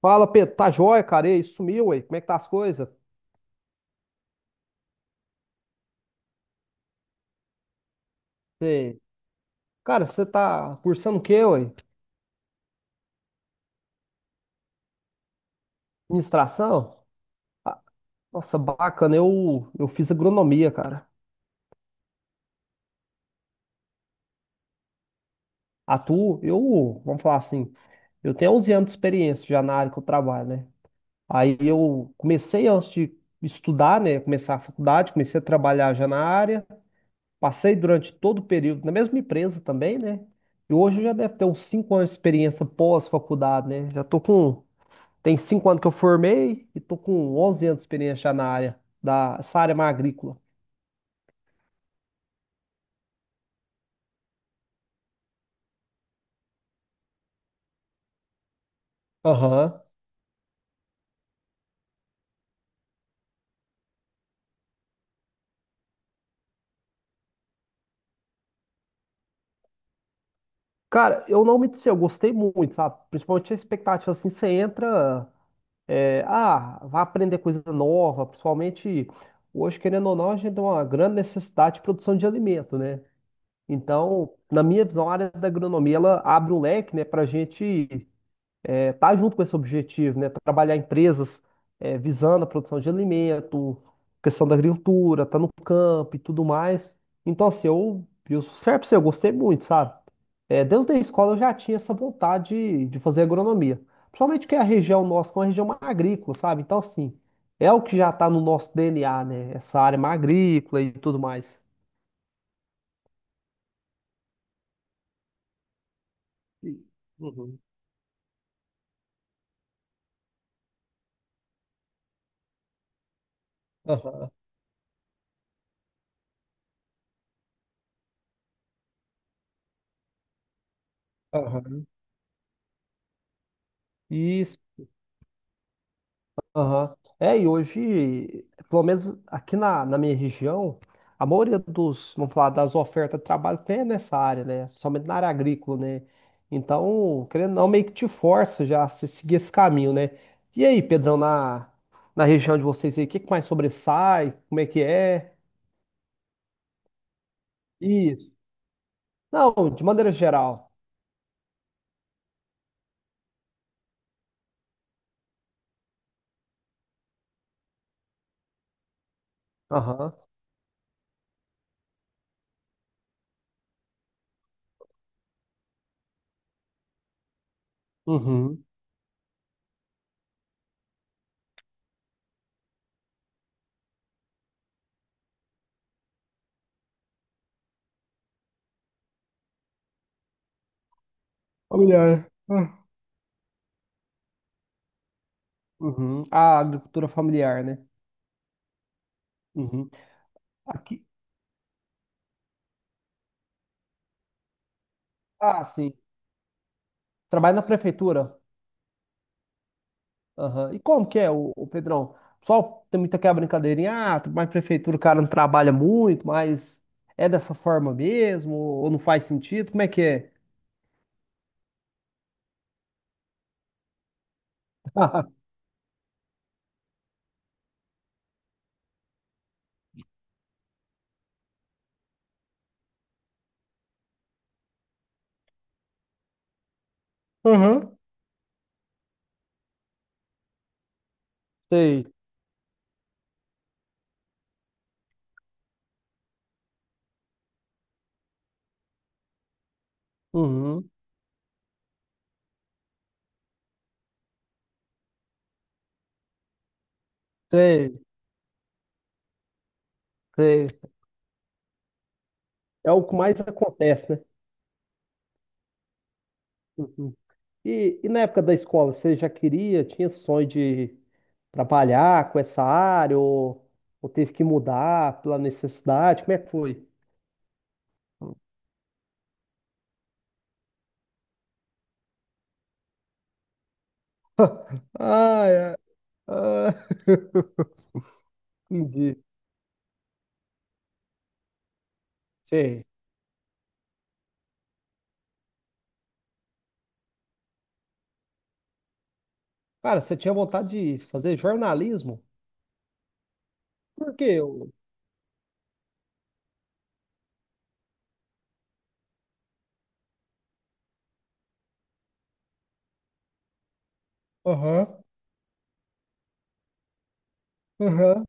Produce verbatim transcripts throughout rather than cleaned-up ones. Fala, Pedro, tá jóia, cara? E aí, sumiu, ué? Como é que tá as coisas? Sei. Cara, você tá cursando o quê, ué? Administração? Ah, nossa, bacana, eu, eu fiz agronomia, cara. Atuo, eu, vamos falar assim, eu tenho onze anos de experiência já na área que eu trabalho, né? Aí eu comecei antes de estudar, né? Começar a faculdade, comecei a trabalhar já na área, passei durante todo o período na mesma empresa também, né? E hoje eu já deve ter uns cinco anos de experiência pós-faculdade, né? Já tô com tem cinco anos que eu formei e tô com onze anos de experiência já na área, da, essa área mais agrícola. Aham. Cara, eu não me sei, eu gostei muito, sabe? Principalmente a expectativa, assim, você entra, é, ah, vai aprender coisa nova, principalmente hoje, querendo ou não, a gente tem uma grande necessidade de produção de alimento, né? Então, na minha visão, a área da agronomia, ela abre um leque, né, pra gente tá junto com esse objetivo, né? Trabalhar empresas eh, visando a produção de alimento, questão da agricultura, tá no campo e tudo mais. Então, assim, eu, eu sou certo pra você, eu gostei muito, sabe? Eh, desde a escola eu já tinha essa vontade de, de fazer agronomia. Principalmente que a região nossa é uma região mais agrícola, sabe? Então, assim, é o que já tá no nosso D N A, né? Essa área mais agrícola e tudo mais. Uhum. Aham, aham. E aham. É, e hoje, pelo menos aqui na, na minha região, a maioria dos, vamos falar, das ofertas de trabalho tem nessa área, né? Somente na área agrícola, né? Então, querendo ou não, meio que te força já a se- seguir esse caminho, né? E aí, Pedrão, na, na região de vocês aí, o que que mais sobressai? Como é que é? Isso. Não, de maneira geral. Aham. Uhum. Familiar. Ah, uhum. A agricultura familiar, né? Uhum. Aqui. Ah, sim. Trabalho na prefeitura. Aham. E como que é, o, Pedrão? O pessoal tem muita aquela brincadeirinha, ah, mas prefeitura o cara não trabalha muito, mas é dessa forma mesmo, ou não faz sentido? Como é que é? Uhum, sei. Uhum, sei, sei. É o que mais acontece, né? Uhum. E, e na época da escola, você já queria, tinha sonho de trabalhar com essa área, ou, ou teve que mudar pela necessidade? Como é que foi? Ah, é. Ah, entendi. Sei. Cara, você tinha vontade de fazer jornalismo? Por quê? Eu- Aham, aham,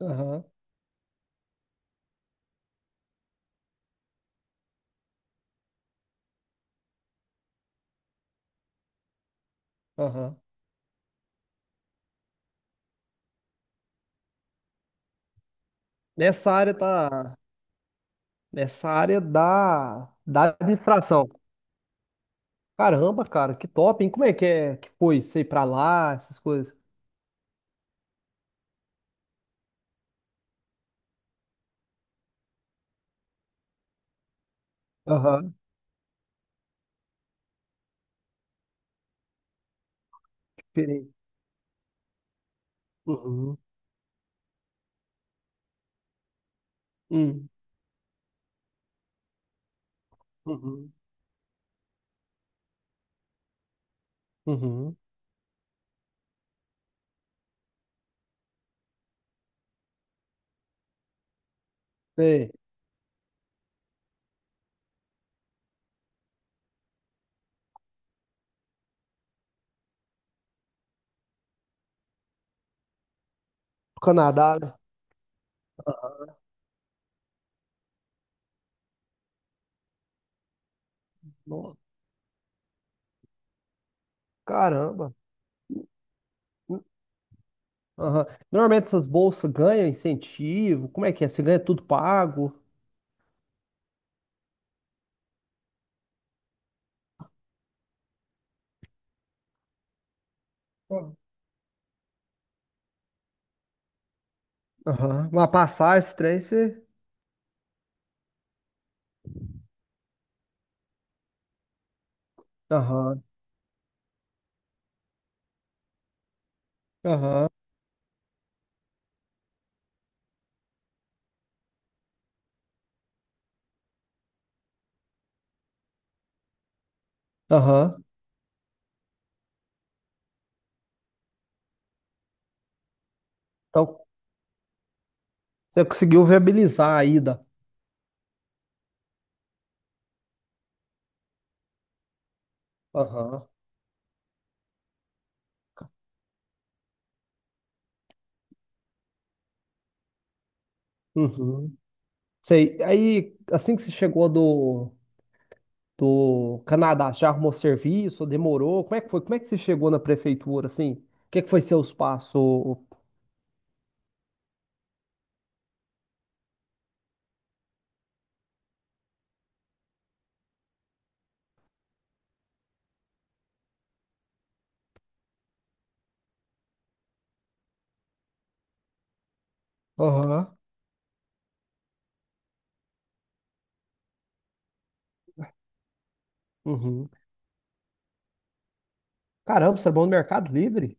aham, aham. Nessa área tá, nessa área da, da administração. Caramba, cara, que top, hein? Como é que é que foi você ir pra lá, essas coisas? Aham, que diferente. Uhum, uhum, uhum, uhum. Sei. Canadá, né? Nossa, caramba. Hum, Aham. Normalmente essas bolsas ganham incentivo. Como é que é? Você ganha tudo pago? Aham. Uma passagem, esse trem, você. Aham. Aham. Aham. Então, você conseguiu viabilizar a ida. Aham. Uhum. Sei. Aí, assim que você chegou do, do Canadá, já arrumou serviço? Demorou? Como é que foi? Como é que você chegou na prefeitura, assim? O que é que foi seus passos? Ô- ô? Aham. Uhum. Caramba, você é bom no Mercado Livre?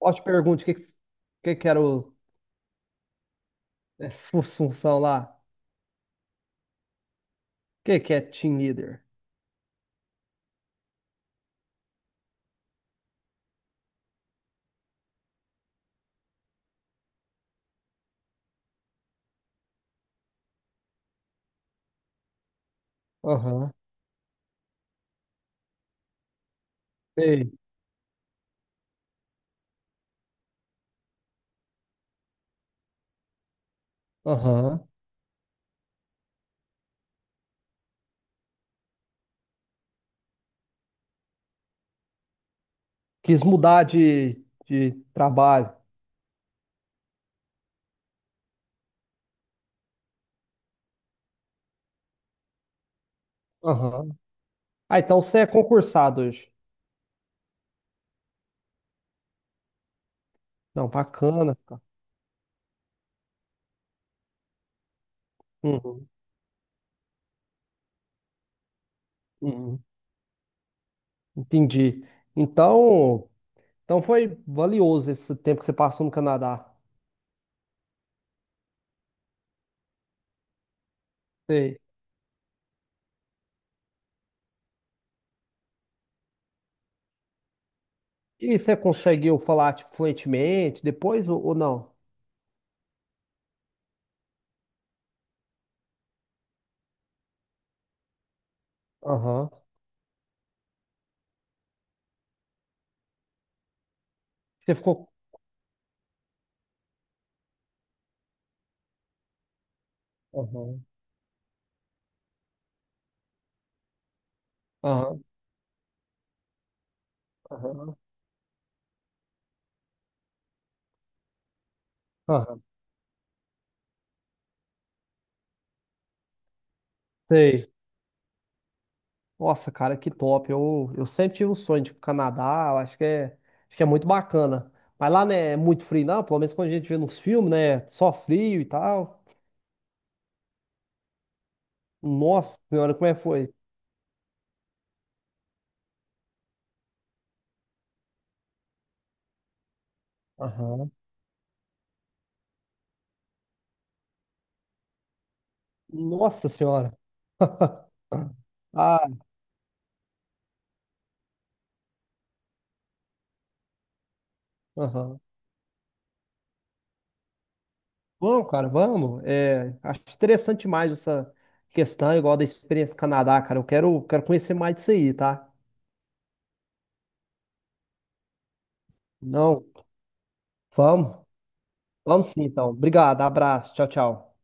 Ótima pergunta. O que que, o que que era o, é, fu- função lá? O que que é team leader? Aham. Sei. Aham. Quis mudar de, de trabalho. Aham. Ah, então você é concursado hoje. Não, bacana, cara. Uhum, uhum. Entendi. Então, então foi valioso esse tempo que você passou no Canadá. Sei. E você conseguiu falar, tipo, fluentemente depois ou, ou não? Aham. Você ficou. Aham. Aham. Aham. Aham. Sei. Nossa, cara, que top. Eu, eu sempre tive um sonho de ir pro Canadá. Eu acho que é, acho que é muito bacana. Mas lá, né, é muito frio, não? Pelo menos quando a gente vê nos filmes, né? Só frio e tal. Nossa senhora, como é que foi? Aham. Nossa senhora. Ah, aham. Vamos, cara, vamos. É, acho interessante mais essa questão, igual da experiência do Canadá, cara. Eu quero, quero conhecer mais disso aí, tá? Não, vamos. Vamos sim, então. Obrigado, abraço. Tchau, tchau.